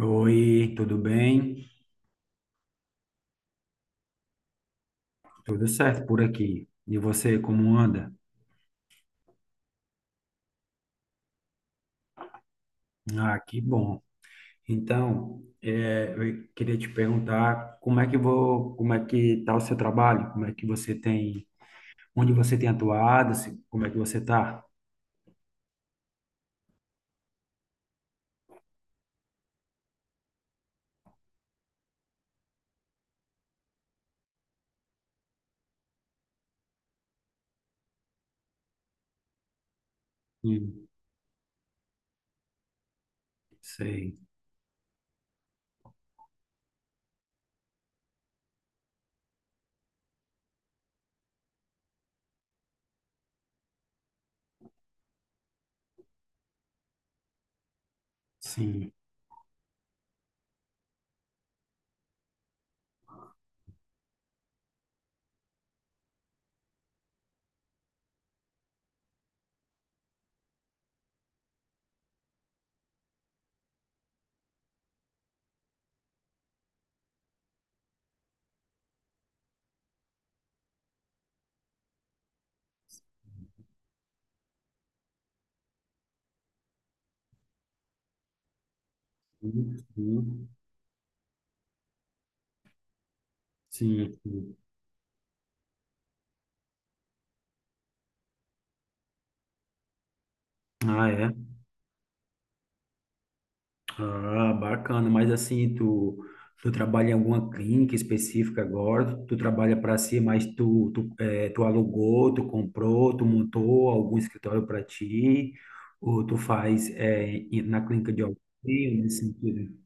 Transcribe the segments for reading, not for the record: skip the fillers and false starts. Oi, tudo bem? Tudo certo por aqui. E você, como anda? Ah, que bom. Então, eu queria te perguntar como é que tá o seu trabalho? Como é que você tem, onde você tem atuado? Como é que você tá? Sim, sei. Sim. Sim. Sim, sim. Ah, é? Ah, bacana. Mas assim, tu trabalha em alguma clínica específica agora? Tu trabalha para si, mas tu alugou, tu comprou, tu montou algum escritório para ti? Ou tu faz na clínica de alguém, nesse sentido?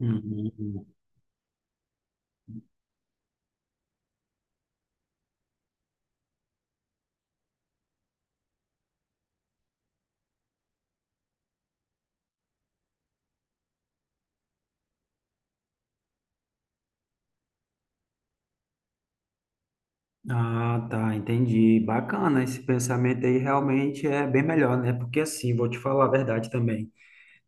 Uhum. Ah, tá, entendi. Bacana, esse pensamento aí realmente é bem melhor, né? Porque assim, vou te falar a verdade também.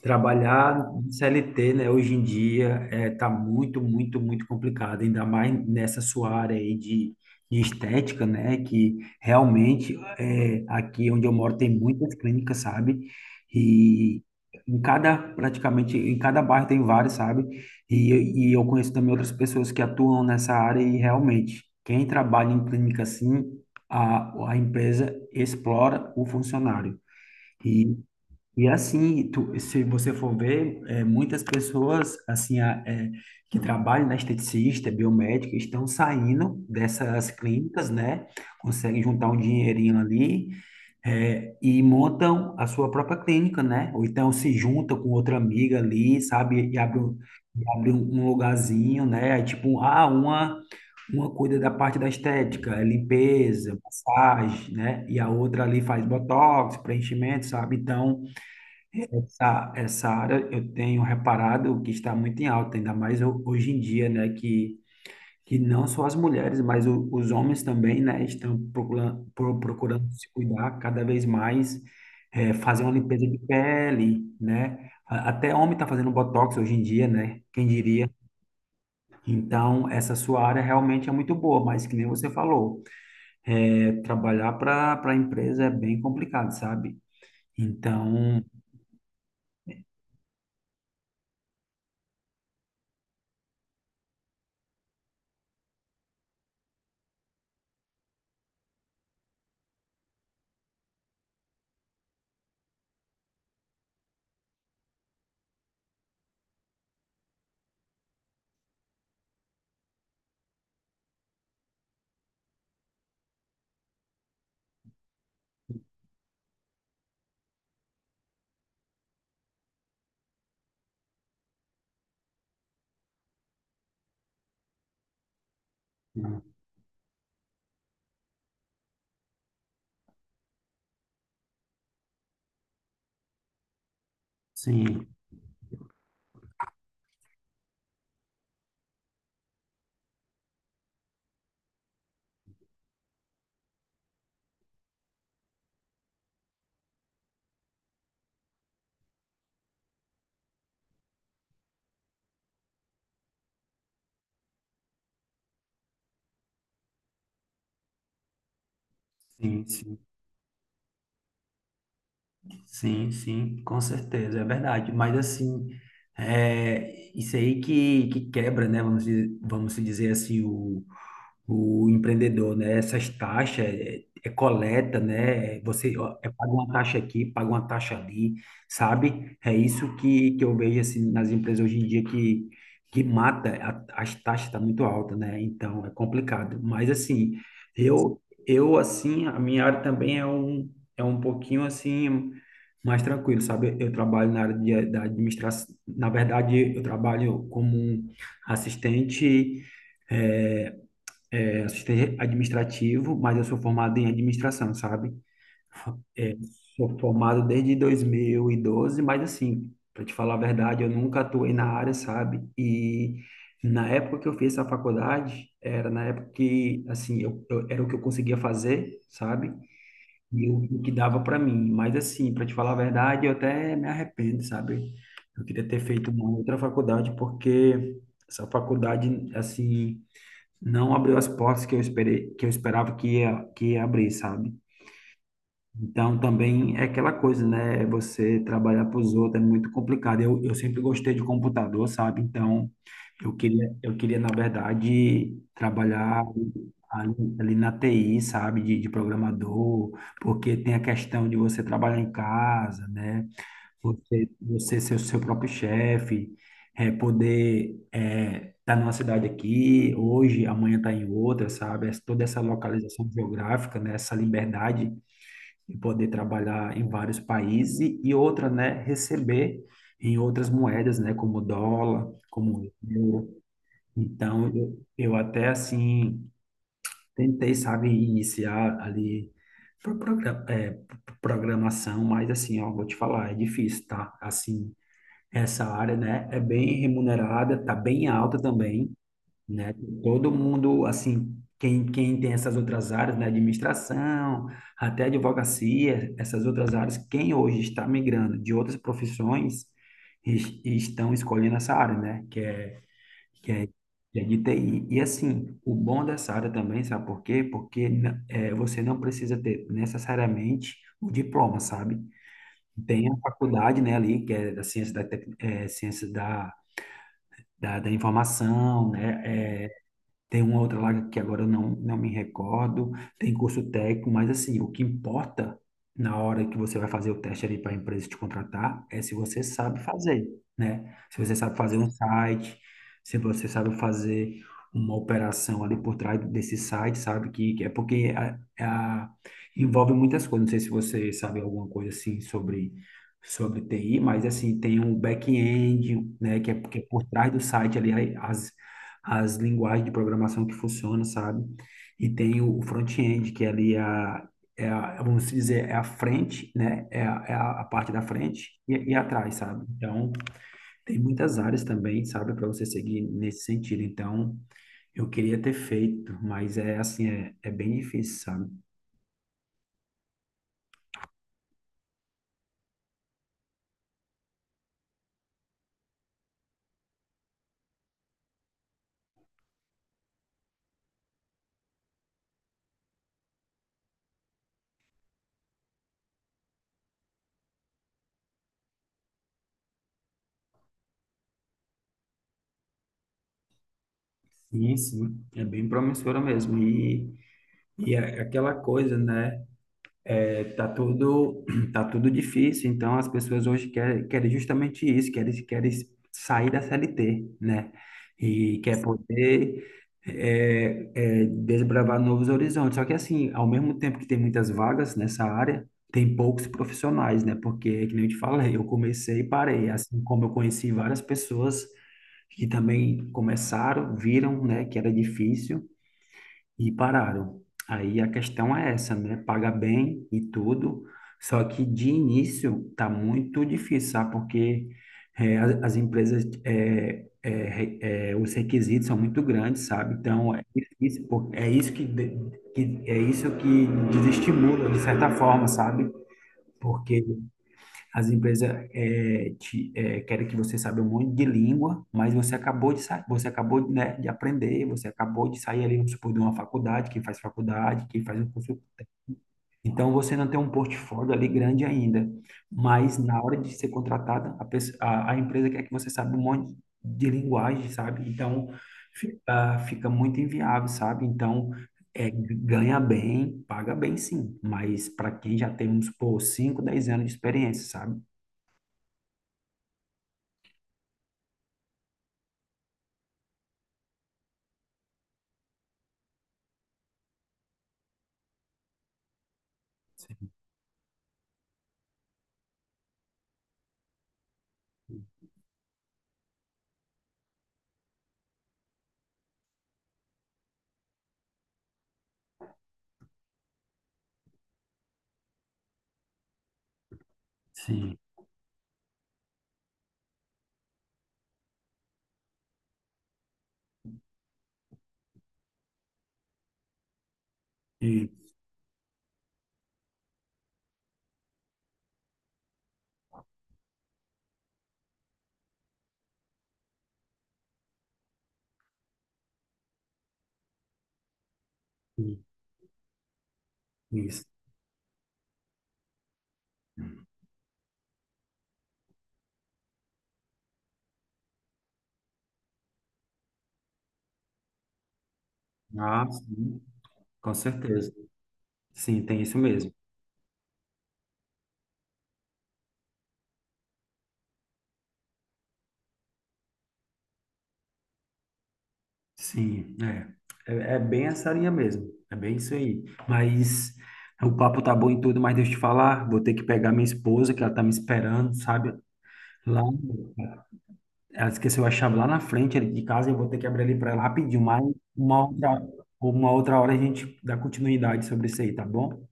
Trabalhar em CLT, né, hoje em dia tá muito, muito, muito complicado, ainda mais nessa sua área aí de estética, né, que realmente aqui onde eu moro tem muitas clínicas, sabe? E em cada, praticamente, em cada bairro tem várias, sabe? E eu conheço também outras pessoas que atuam nessa área e realmente, quem trabalha em clínica assim, a empresa explora o funcionário. E assim, tu, se você for ver, muitas pessoas assim que trabalham na esteticista, biomédica, estão saindo dessas clínicas, né? Conseguem juntar um dinheirinho ali, e montam a sua própria clínica, né? Ou então se juntam com outra amiga ali, sabe? E abre um lugarzinho, né? Aí, tipo, uma cuida da parte da estética, é limpeza, massagem, né? E a outra ali faz botox, preenchimento, sabe? Então. Essa área eu tenho reparado que está muito em alta, ainda mais hoje em dia, né? Que não só as mulheres, mas os homens também, né? Estão procurando se cuidar cada vez mais, fazer uma limpeza de pele, né? A- Até homem está fazendo botox hoje em dia, né? Quem diria? Então, essa sua área realmente é muito boa, mas que nem você falou, trabalhar para a empresa é bem complicado, sabe? Então, sim, sim, sim. Sim, sim, com certeza, é verdade. Mas assim, isso aí que quebra, né? Vamos se dizer assim, o empreendedor, né? Essas taxas é coleta, né? Você ó, paga uma taxa aqui, paga uma taxa ali, sabe? É isso que eu vejo assim nas empresas hoje em dia que mata as taxas tá muito alta, né? Então é complicado. Mas assim, eu eu assim a minha área também é um pouquinho assim mais tranquilo, sabe? Eu trabalho na área da administração. Na verdade, eu trabalho como um assistente é, assistente administrativo, mas eu sou formado em administração, sabe? É, sou formado desde 2012, mas assim, para te falar a verdade, eu nunca atuei na área, sabe? E na época que eu fiz essa faculdade, era na época que, assim, era o que eu conseguia fazer, sabe? E o que dava para mim. Mas assim, para te falar a verdade, eu até me arrependo, sabe? Eu queria ter feito uma outra faculdade, porque essa faculdade, assim não abriu as portas que eu esperei, que eu esperava que ia abrir, sabe? Então também é aquela coisa, né? Você trabalhar para os outros é muito complicado. Eu sempre gostei de computador, sabe? Então eu queria na verdade trabalhar ali na TI, sabe? De programador, porque tem a questão de você trabalhar em casa, né? Você ser o seu próprio chefe, poder tá numa cidade aqui, hoje, amanhã tá em outra, sabe? Toda essa localização geográfica, né? Essa liberdade de poder trabalhar em vários países e outra, né? Receber em outras moedas, né? Como dólar, como euro. Então, eu até, assim, tentei, sabe, iniciar ali pro- progra- é, programação, mas assim, ó, vou te falar, é difícil, tá? Assim, essa área, né, é bem remunerada, tá bem alta também, né? Todo mundo, assim, quem tem essas outras áreas, né, administração, até advocacia, essas outras áreas, quem hoje está migrando de outras profissões estão escolhendo essa área, né, que é, que é de TI. E, assim, o bom dessa área também, sabe por quê? Porque você não precisa ter necessariamente o diploma, sabe? Tem a faculdade, né, ali, que é da ciência da informação, né, é, tem uma outra lá que agora eu não me recordo, tem curso técnico, mas assim, o que importa na hora que você vai fazer o teste ali para a empresa te contratar é se você sabe fazer, né? Se você sabe fazer um site, se você sabe fazer uma operação ali por trás desse site, sabe? Que é porque a- envolve muitas coisas. Não sei se você sabe alguma coisa assim sobre TI, mas assim, tem um back-end, né? Que é porque por trás do site ali, aí, as linguagens de programação que funcionam, sabe? E tem o front-end, que ali vamos dizer, é a frente, né? É a parte da frente e atrás, sabe? Então, tem muitas áreas também, sabe? Para você seguir nesse sentido. Então, eu queria ter feito, mas é assim, é bem difícil, sabe? Sim, sim, é bem promissora mesmo. E é aquela coisa, né? Tá tudo, tá tudo difícil, então as pessoas hoje querem justamente isso, querem sair da CLT, né? E quer poder desbravar novos horizontes. Só que assim, ao mesmo tempo que tem muitas vagas nessa área, tem poucos profissionais, né? Porque, que nem eu te falei, eu comecei e parei, assim como eu conheci várias pessoas que também começaram, viram, né, que era difícil e pararam. Aí a questão é essa, né? Paga bem e tudo, só que de início tá muito difícil, sabe? Porque as, as empresas, os requisitos são muito grandes, sabe? Então é difícil, pô. É isso que, de- que é isso que desestimula de certa forma, sabe? Porque as empresas querem que você saiba um monte de língua, mas você acabou de sair, você acabou, né, de aprender, você acabou de sair ali, vamos supor, de uma faculdade, quem faz um curso. Então, você não tem um portfólio ali grande ainda, mas na hora de ser contratada, a empresa quer que você saiba um monte de linguagem, sabe? Então, fica muito inviável, sabe? Então, ganha bem, paga bem sim, mas para quem já tem, vamos supor, 5, 10 anos de experiência, sabe? Sim, e, e- isso. Ah, sim, com certeza. Sim, tem isso mesmo. Sim, é. É, é bem essa linha mesmo. É bem isso aí. Mas o papo tá bom e tudo, mas deixa eu te falar, vou ter que pegar minha esposa, que ela tá me esperando, sabe? Lá, ela esqueceu a chave lá na frente ali de casa, eu vou ter que abrir ali para ela rapidinho, mas uma outra, uma outra hora a gente dá continuidade sobre isso aí, tá bom?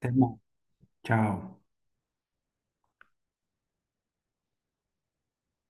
Até mais. Tchau.